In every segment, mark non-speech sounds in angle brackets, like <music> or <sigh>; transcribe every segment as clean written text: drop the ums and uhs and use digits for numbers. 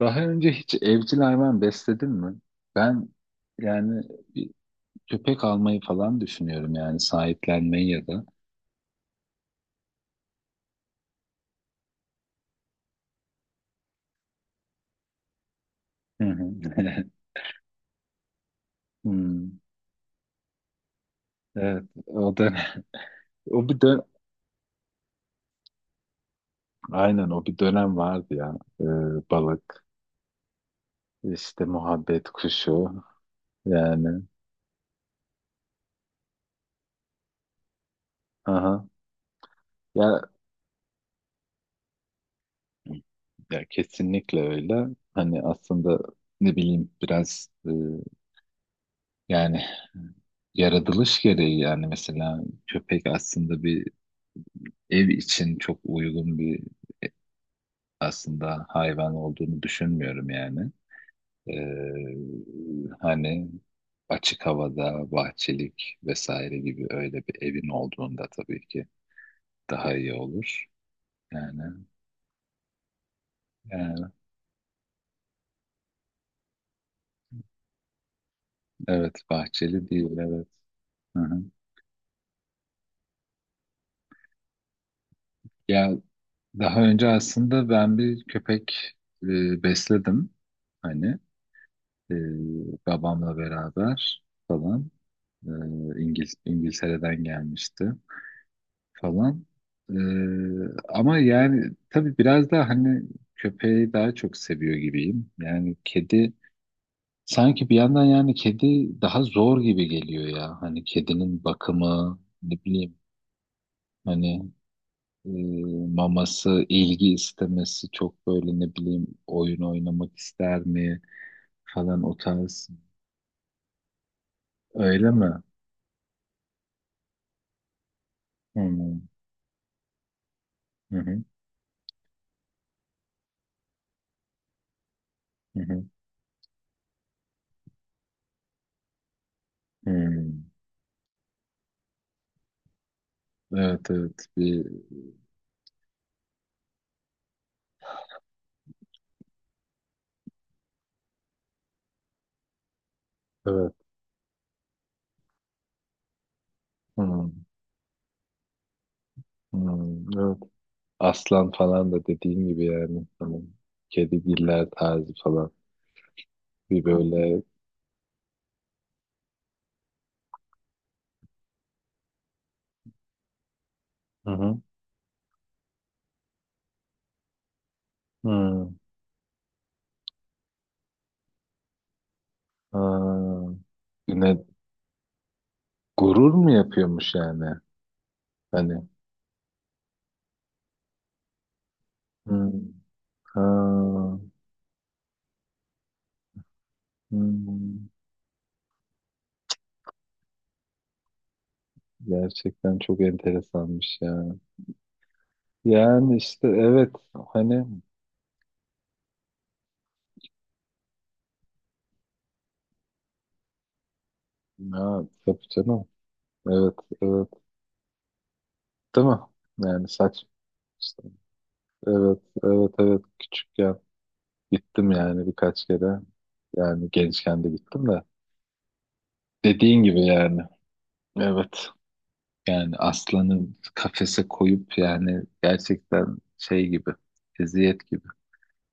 Daha önce hiç evcil hayvan besledin mi? Ben yani bir köpek almayı falan düşünüyorum, yani sahiplenmeyi ya da. Hı hı. <laughs> Hmm. Evet, o dönem. <laughs> o bir dön aynen o bir dönem vardı ya. Ee, balık, işte muhabbet kuşu yani. Aha. Ya, ya kesinlikle öyle. Hani aslında, ne bileyim, biraz yani yaratılış gereği. Yani mesela köpek aslında ev için çok uygun bir aslında hayvan olduğunu düşünmüyorum yani. Hani açık havada, bahçelik vesaire gibi öyle bir evin olduğunda tabii ki daha iyi olur. Yani, yani evet, bahçeli değil, evet. Hı hı. Ya, daha önce aslında ben bir köpek besledim. Hani e, babamla beraber falan. E, İngiltere'den gelmişti falan. Ee, ama yani tabii biraz daha, hani, köpeği daha çok seviyor gibiyim. Yani kedi sanki bir yandan, yani kedi daha zor gibi geliyor ya. Hani kedinin bakımı, ne bileyim, hani e, maması, ilgi istemesi, çok böyle ne bileyim, oyun oynamak ister mi falan, o tarz. Öyle mi? Hmm. Hı hı. Hı hı. Hmm. Evet evet. Bir evet. Hmm. Hmm. Evet. Aslan falan da dediğin gibi yani. Hani kedigiller tarzı falan. Bir böyle. Hı hı. Hı. Ha. Yine gurur mu yapıyormuş yani? Hani. Hı. Ha. Hı. Gerçekten çok enteresanmış ya. Yani işte evet, hani. Ya, tabii canım. Evet, evet, değil mi? Yani saç işte, evet, evet evet, küçükken gittim yani birkaç kere. Yani gençken de gittim de. Dediğin gibi yani. Evet. Yani aslanı kafese koyup, yani gerçekten şey gibi. Eziyet gibi.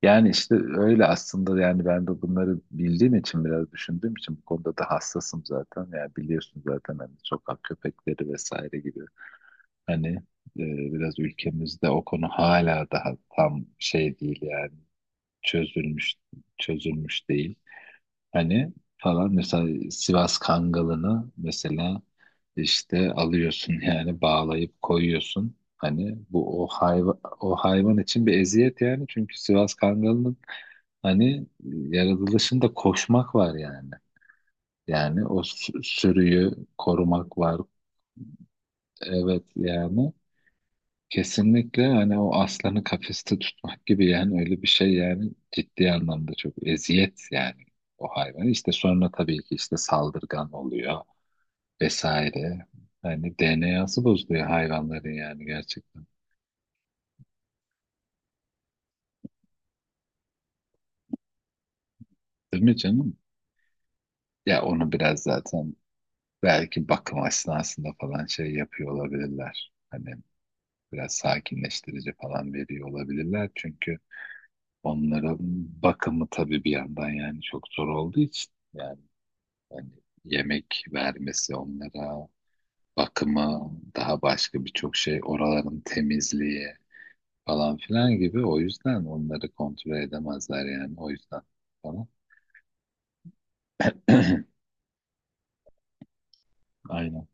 Yani işte öyle aslında. Yani ben de bunları bildiğim için, biraz düşündüğüm için, bu konuda da hassasım zaten. Yani biliyorsun zaten, hani sokak köpekleri vesaire gibi. Hani e, biraz ülkemizde o konu hala daha tam şey değil yani, çözülmüş çözülmüş değil. Hani, falan, mesela Sivas Kangalı'nı mesela işte alıyorsun <laughs> yani, bağlayıp koyuyorsun. Hani bu o hayvan o hayvan için bir eziyet yani, çünkü Sivas Kangalı'nın hani yaratılışında koşmak var yani. Yani o sürüyü korumak var. Evet yani. Kesinlikle, hani o aslanı kafeste tutmak gibi yani, öyle bir şey yani. Ciddi anlamda çok eziyet yani o hayvan. İşte sonra tabii ki işte saldırgan oluyor vesaire. Hani DNA'sı bozuluyor hayvanların, yani gerçekten. Değil mi canım? Ya onu biraz zaten belki bakım esnasında falan şey yapıyor olabilirler. Hani biraz sakinleştirici falan veriyor olabilirler. Çünkü onların bakımı tabii bir yandan yani çok zor olduğu için yani. Yani yemek vermesi onlara, bakımı, daha başka birçok şey, oraların temizliği falan filan gibi. O yüzden onları kontrol edemezler yani, o yüzden falan. <clears throat> Aynen,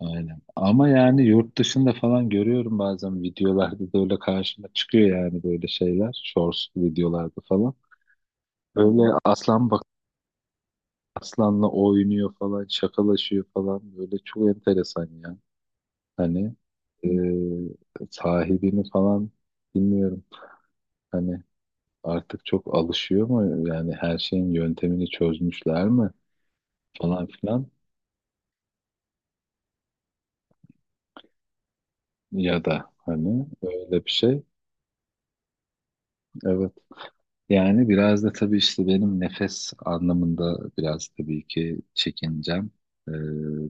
aynen. Ama yani yurt dışında falan görüyorum, bazen videolarda da öyle karşıma çıkıyor yani, böyle şeyler. Shorts videolarda falan. Böyle aslan, bak, aslanla oynuyor falan, şakalaşıyor falan. Böyle çok enteresan ya. Hani e, sahibini falan bilmiyorum. Hani artık çok alışıyor mu? Yani her şeyin yöntemini çözmüşler mi? Falan filan. Ya da hani öyle bir şey. Evet. Yani biraz da tabii işte benim nefes anlamında biraz tabii ki çekincem. E,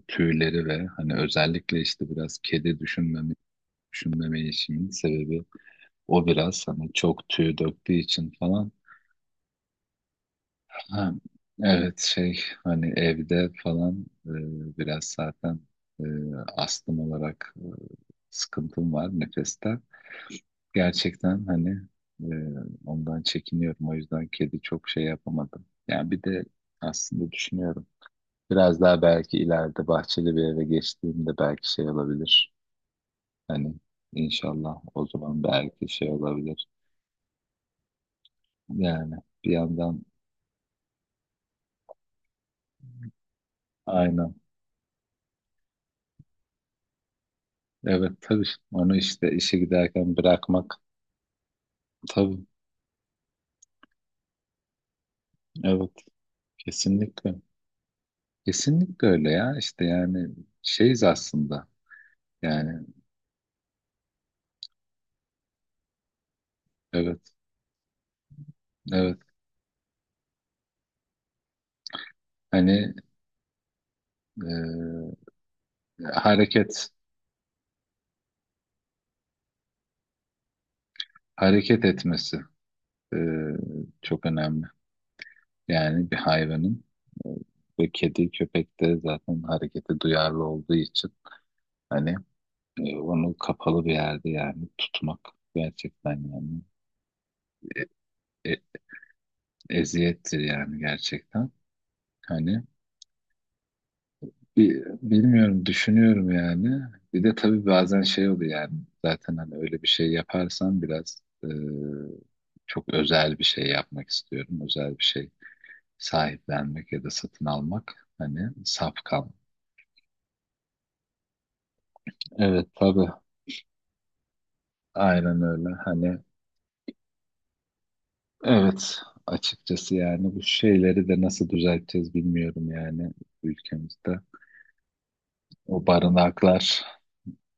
tüyleri ve hani özellikle işte biraz kedi düşünmeme işimin sebebi, o biraz hani çok tüy döktüğü için falan. Ha, evet, şey, hani evde falan biraz zaten e, astım olarak sıkıntım var nefeste. Gerçekten hani e, ondan çekiniyorum. O yüzden kedi çok şey yapamadım. Yani bir de aslında düşünüyorum. Biraz daha belki ileride bahçeli bir eve geçtiğimde belki şey olabilir. Hani inşallah o zaman belki şey olabilir. Yani bir yandan, aynen. Evet tabii, onu işte işe giderken bırakmak. Tabii, evet, kesinlikle. Kesinlikle öyle ya. İşte yani şeyiz aslında. Yani evet, evet. Hani e, hareket hareket etmesi e, çok önemli. Yani bir hayvanın e, ve kedi, köpek de zaten harekete duyarlı olduğu için, hani onu kapalı bir yerde yani tutmak, gerçekten yani e- e- eziyettir yani gerçekten. Hani bir, bilmiyorum, düşünüyorum yani. Bir de tabii bazen şey oluyor yani, zaten hani öyle bir şey yaparsam biraz çok özel bir şey yapmak istiyorum. Özel bir şey sahiplenmek ya da satın almak, hani safkan. Evet tabii, aynen öyle hani, evet, açıkçası. Yani bu şeyleri de nasıl düzelteceğiz bilmiyorum yani, ülkemizde. O barınaklar.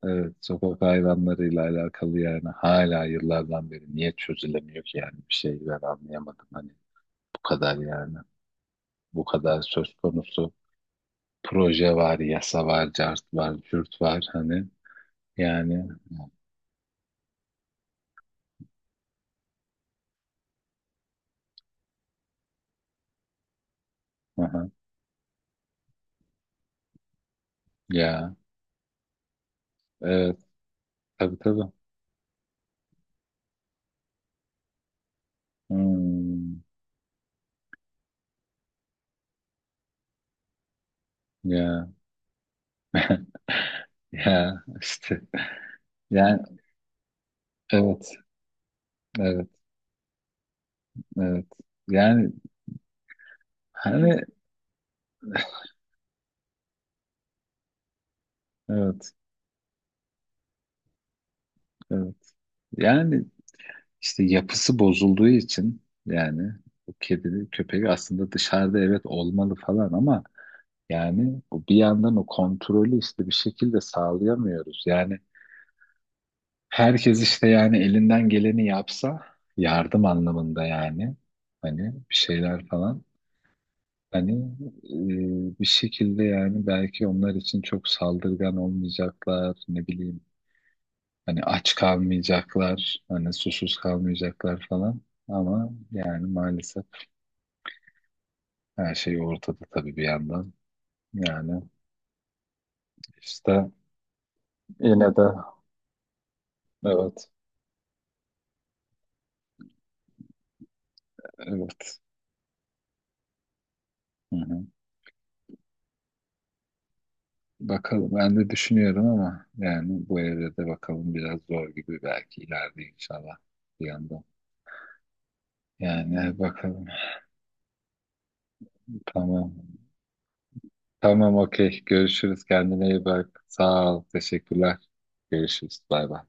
Evet, sokak hayvanlarıyla alakalı yani hala yıllardan beri niye çözülemiyor ki yani, bir şey ben anlayamadım hani. Bu kadar yani, bu kadar söz konusu proje var, yasa var, cart var, cürt var hani, yani. Aha, ya, evet, tabii tabii. Hmm, ya. <laughs> Ya işte yani, evet, evet evet yani, hani, evet, evet yani. İşte yapısı bozulduğu için yani, o kedi köpeği aslında dışarıda evet olmalı falan ama, yani o bir yandan o kontrolü işte bir şekilde sağlayamıyoruz. Yani herkes işte, yani elinden geleni yapsa yardım anlamında yani, hani bir şeyler falan, hani bir şekilde yani belki onlar için çok saldırgan olmayacaklar, ne bileyim hani, aç kalmayacaklar, hani susuz kalmayacaklar falan, ama yani maalesef. Her şey ortada tabii bir yandan. Yani işte yine de, evet, evet. Hı hı. Bakalım, ben de düşünüyorum ama yani bu evde de bakalım biraz zor gibi, belki ileride inşallah, bir yandan. Yani bakalım. Tamam. Tamam, okey. Görüşürüz. Kendine iyi bak. Sağ ol. Teşekkürler. Görüşürüz. Bay bay.